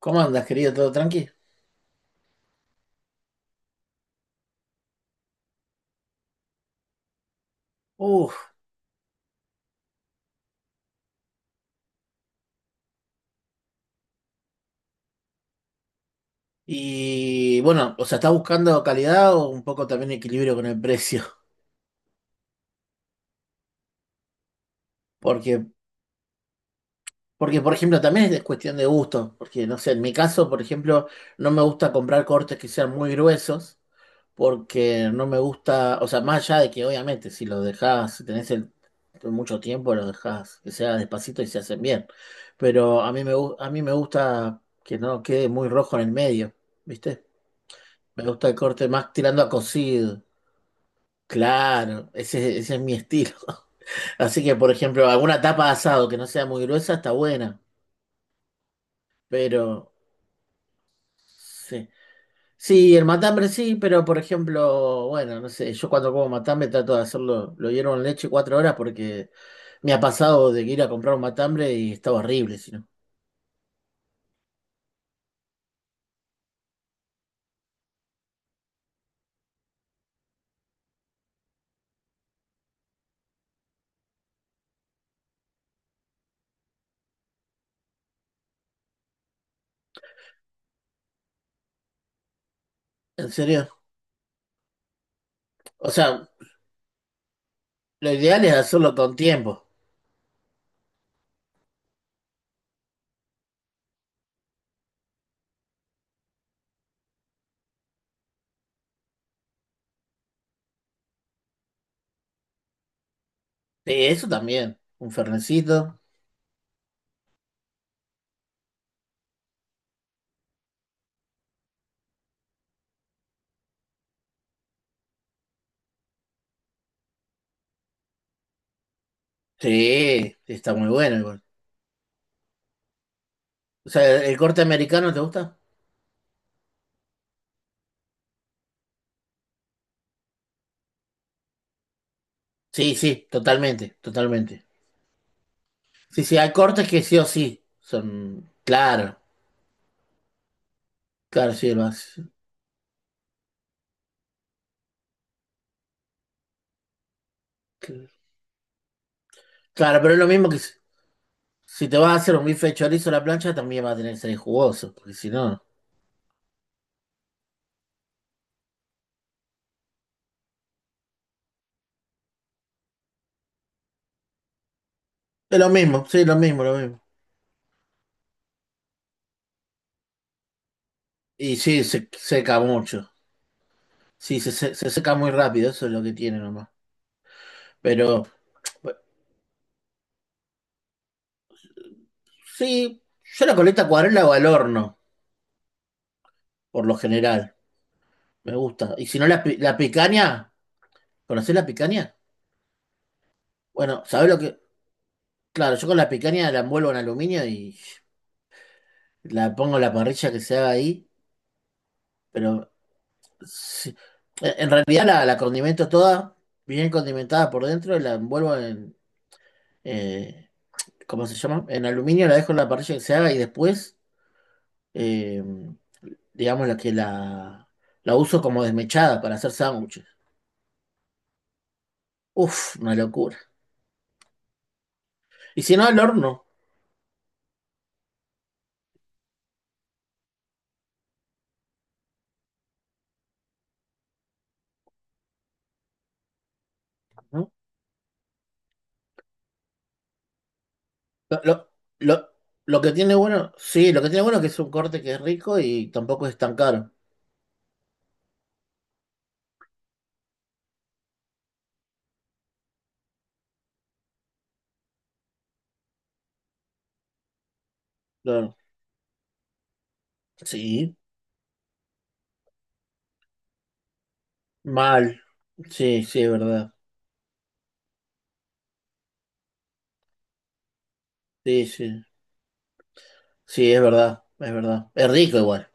¿Cómo andas, querido? ¿Todo tranqui? Uf, y bueno, o sea, ¿estás buscando calidad o un poco también equilibrio con el precio? Porque, porque, por ejemplo, también es cuestión de gusto, porque, no sé, en mi caso, por ejemplo, no me gusta comprar cortes que sean muy gruesos, porque no me gusta, o sea, más allá de que obviamente si lo dejás, si tenés el, mucho tiempo, lo dejás que sea despacito y se hacen bien, pero a mí me gusta que no quede muy rojo en el medio, ¿viste? Me gusta el corte más tirando a cocido. Claro, ese es mi estilo. Así que, por ejemplo, alguna tapa de asado que no sea muy gruesa está buena. Pero, sí. Sí, el matambre sí, pero por ejemplo, bueno, no sé, yo cuando como matambre trato de hacerlo, lo hiervo en leche 4 horas porque me ha pasado de ir a comprar un matambre y estaba horrible, si no. ¿En serio? O sea, lo ideal es hacerlo con tiempo. Sí, eso también. Un fernecito. Sí, sí, está muy bueno igual. O sea, ¿el corte americano te gusta? Sí, sí, totalmente, totalmente. Sí, sí, hay cortes que sí o sí son. Claro, claro, sí, lo hace. Claro, pero es lo mismo que si te vas a hacer un bife de chorizo a la plancha, también va a tener que ser jugoso, porque si no. Es lo mismo, sí, lo mismo, lo mismo. Y sí, se seca mucho. Sí, se seca muy rápido, eso es lo que tiene nomás. Pero bueno, sí, yo la coleta acuarela o al horno, por lo general. Me gusta. Y si no, la picaña. ¿Conocés la picaña? Bueno, ¿sabés lo que? Claro, yo con la picaña la envuelvo en aluminio y la pongo en la parrilla que se haga ahí, pero sí. En realidad la condimento toda, bien condimentada por dentro, y la envuelvo en, eh, ¿cómo se llama? En aluminio, la dejo en la parrilla que se haga y después, eh, digamos, la uso como desmechada para hacer sándwiches. Uf, una locura. Y si no, al horno, ¿no? Lo, lo, lo- lo que tiene bueno, sí, lo que tiene bueno es que es un corte que es rico y tampoco es tan caro. Claro. Sí, mal. Sí, sí, es verdad. Sí, sí. Sí, es verdad, es verdad. Es rico igual.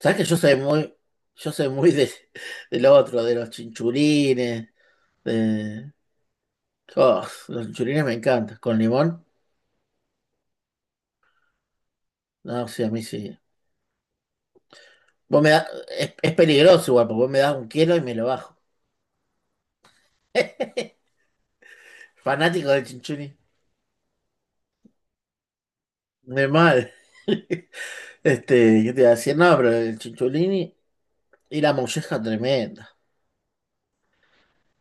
¿Sabes que yo soy muy de, del otro, de los chinchulines, de... Oh, los chinchulines me encantan. ¿Con limón? No, sí, a mí sí. Vos me da, es peligroso igual, porque vos me das un kilo y me lo bajo. Fanático del chinchulín. De mal. Este, yo te iba a decir, no, pero el chincholini y la molleja tremenda.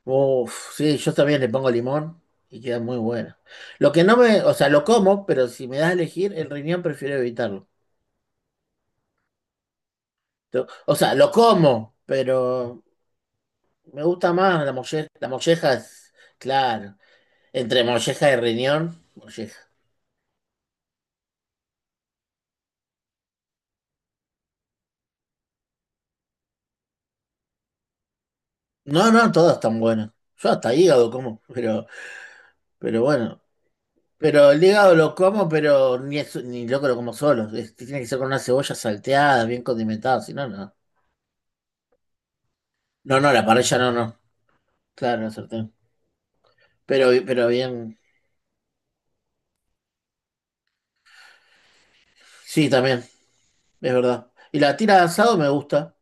Uf, sí, yo también le pongo limón y queda muy buena. Lo que no me, o sea, lo como, pero si me das a elegir, el riñón prefiero evitarlo. O sea, lo como, pero me gusta más la molleja. La molleja es, claro, entre molleja y riñón, molleja. No, no, todas están buenas. Yo hasta hígado como, pero bueno. Pero el hígado lo como, pero ni loco lo como solo. Es- tiene que ser con una cebolla salteada, bien condimentada, si no, no. No, no, la parrilla no, no. Claro, la sartén. Pero bien. Sí, también, es verdad. Y la tira de asado me gusta.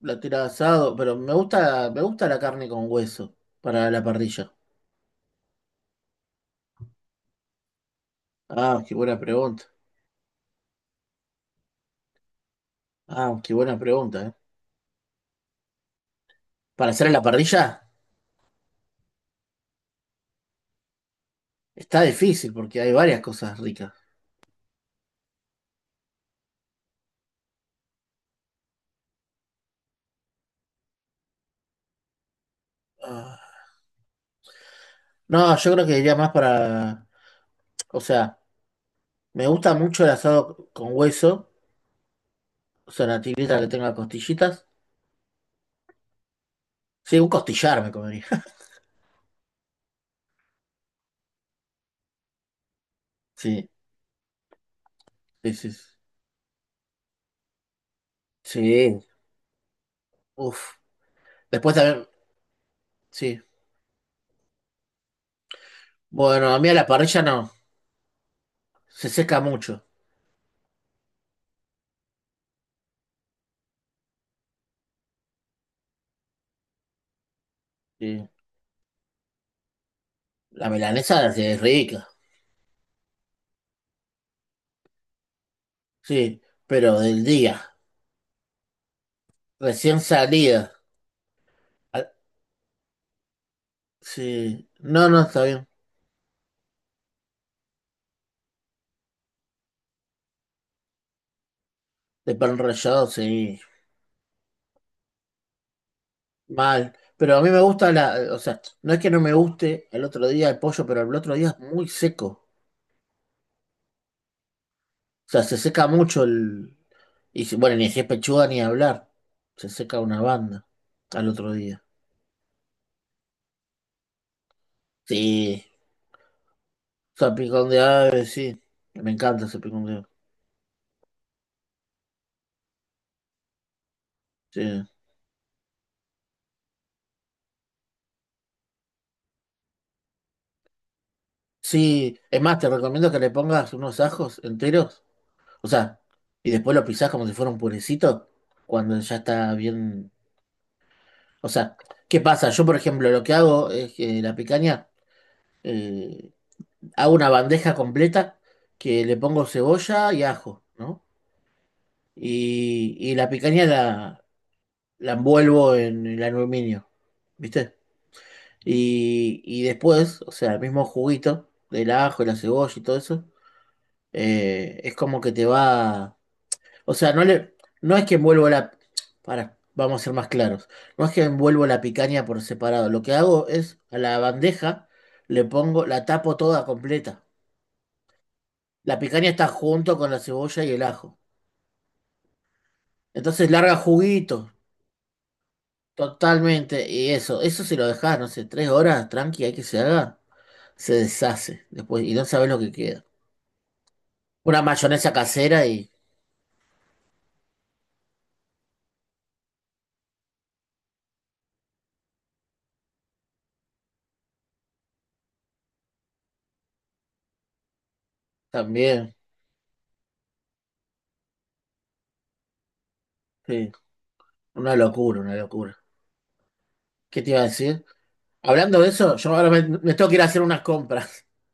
La tira de asado, pero me gusta la carne con hueso para la parrilla. Ah, qué buena pregunta. Ah, qué buena pregunta, ¿eh? Para hacer en la parrilla está difícil porque hay varias cosas ricas. Ah, no, yo creo que iría más para, o sea. Me gusta mucho el asado con hueso, o sea, la tigrita que tenga costillitas. Sí, un costillar me comería. Sí, sí, sí. Sí, uf. Después también, sí. Bueno, a mí a la parrilla no, se seca mucho. Sí. La milanesa sí, es rica, sí, pero del día, recién salida. Ah, sí, no, no, está bien. De pan rallado, sí, mal. Pero a mí me gusta la, o sea, no es que no me guste el otro día el pollo, pero el otro día es muy seco. O sea, se seca mucho el... Y si- bueno, ni si es pechuga ni hablar. Se seca una banda al otro día. Sí. O sea, picón de ave, sí. Me encanta ese picón de ave. Sí. Sí. Es más, te recomiendo que le pongas unos ajos enteros. O sea, y después lo pisás como si fuera un purecito. Cuando ya está bien. O sea, ¿qué pasa? Yo, por ejemplo, lo que hago es que la picaña. eh, Hago una bandeja completa que le pongo cebolla y ajo, ¿no? Y la picaña la envuelvo en el aluminio, ¿viste? Y después, o sea, el mismo juguito del ajo, la cebolla y todo eso, es como que te va... O sea, no es que envuelvo la... Para, vamos a ser más claros. No es que envuelvo la picaña por separado. Lo que hago es a la bandeja le pongo, la tapo toda completa. La picaña está junto con la cebolla y el ajo. Entonces larga juguito. Totalmente, y eso si lo dejas, no sé, 3 horas, tranqui, hay que se haga, se deshace después y no sabes lo que queda. Una mayonesa casera y también, sí, una locura, una locura. ¿Qué te iba a decir? Hablando de eso, yo ahora me tengo que ir a hacer unas compras.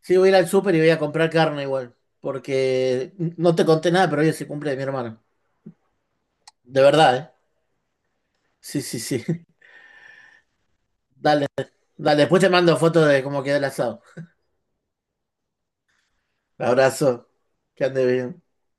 Sí, voy a ir al súper y voy a comprar carne igual, porque no te conté nada, pero hoy se cumple de mi hermano. De verdad, ¿eh? Sí, sí, sí. Dale, dale, después te mando fotos de cómo queda el asado. Abrazo, que ande bien.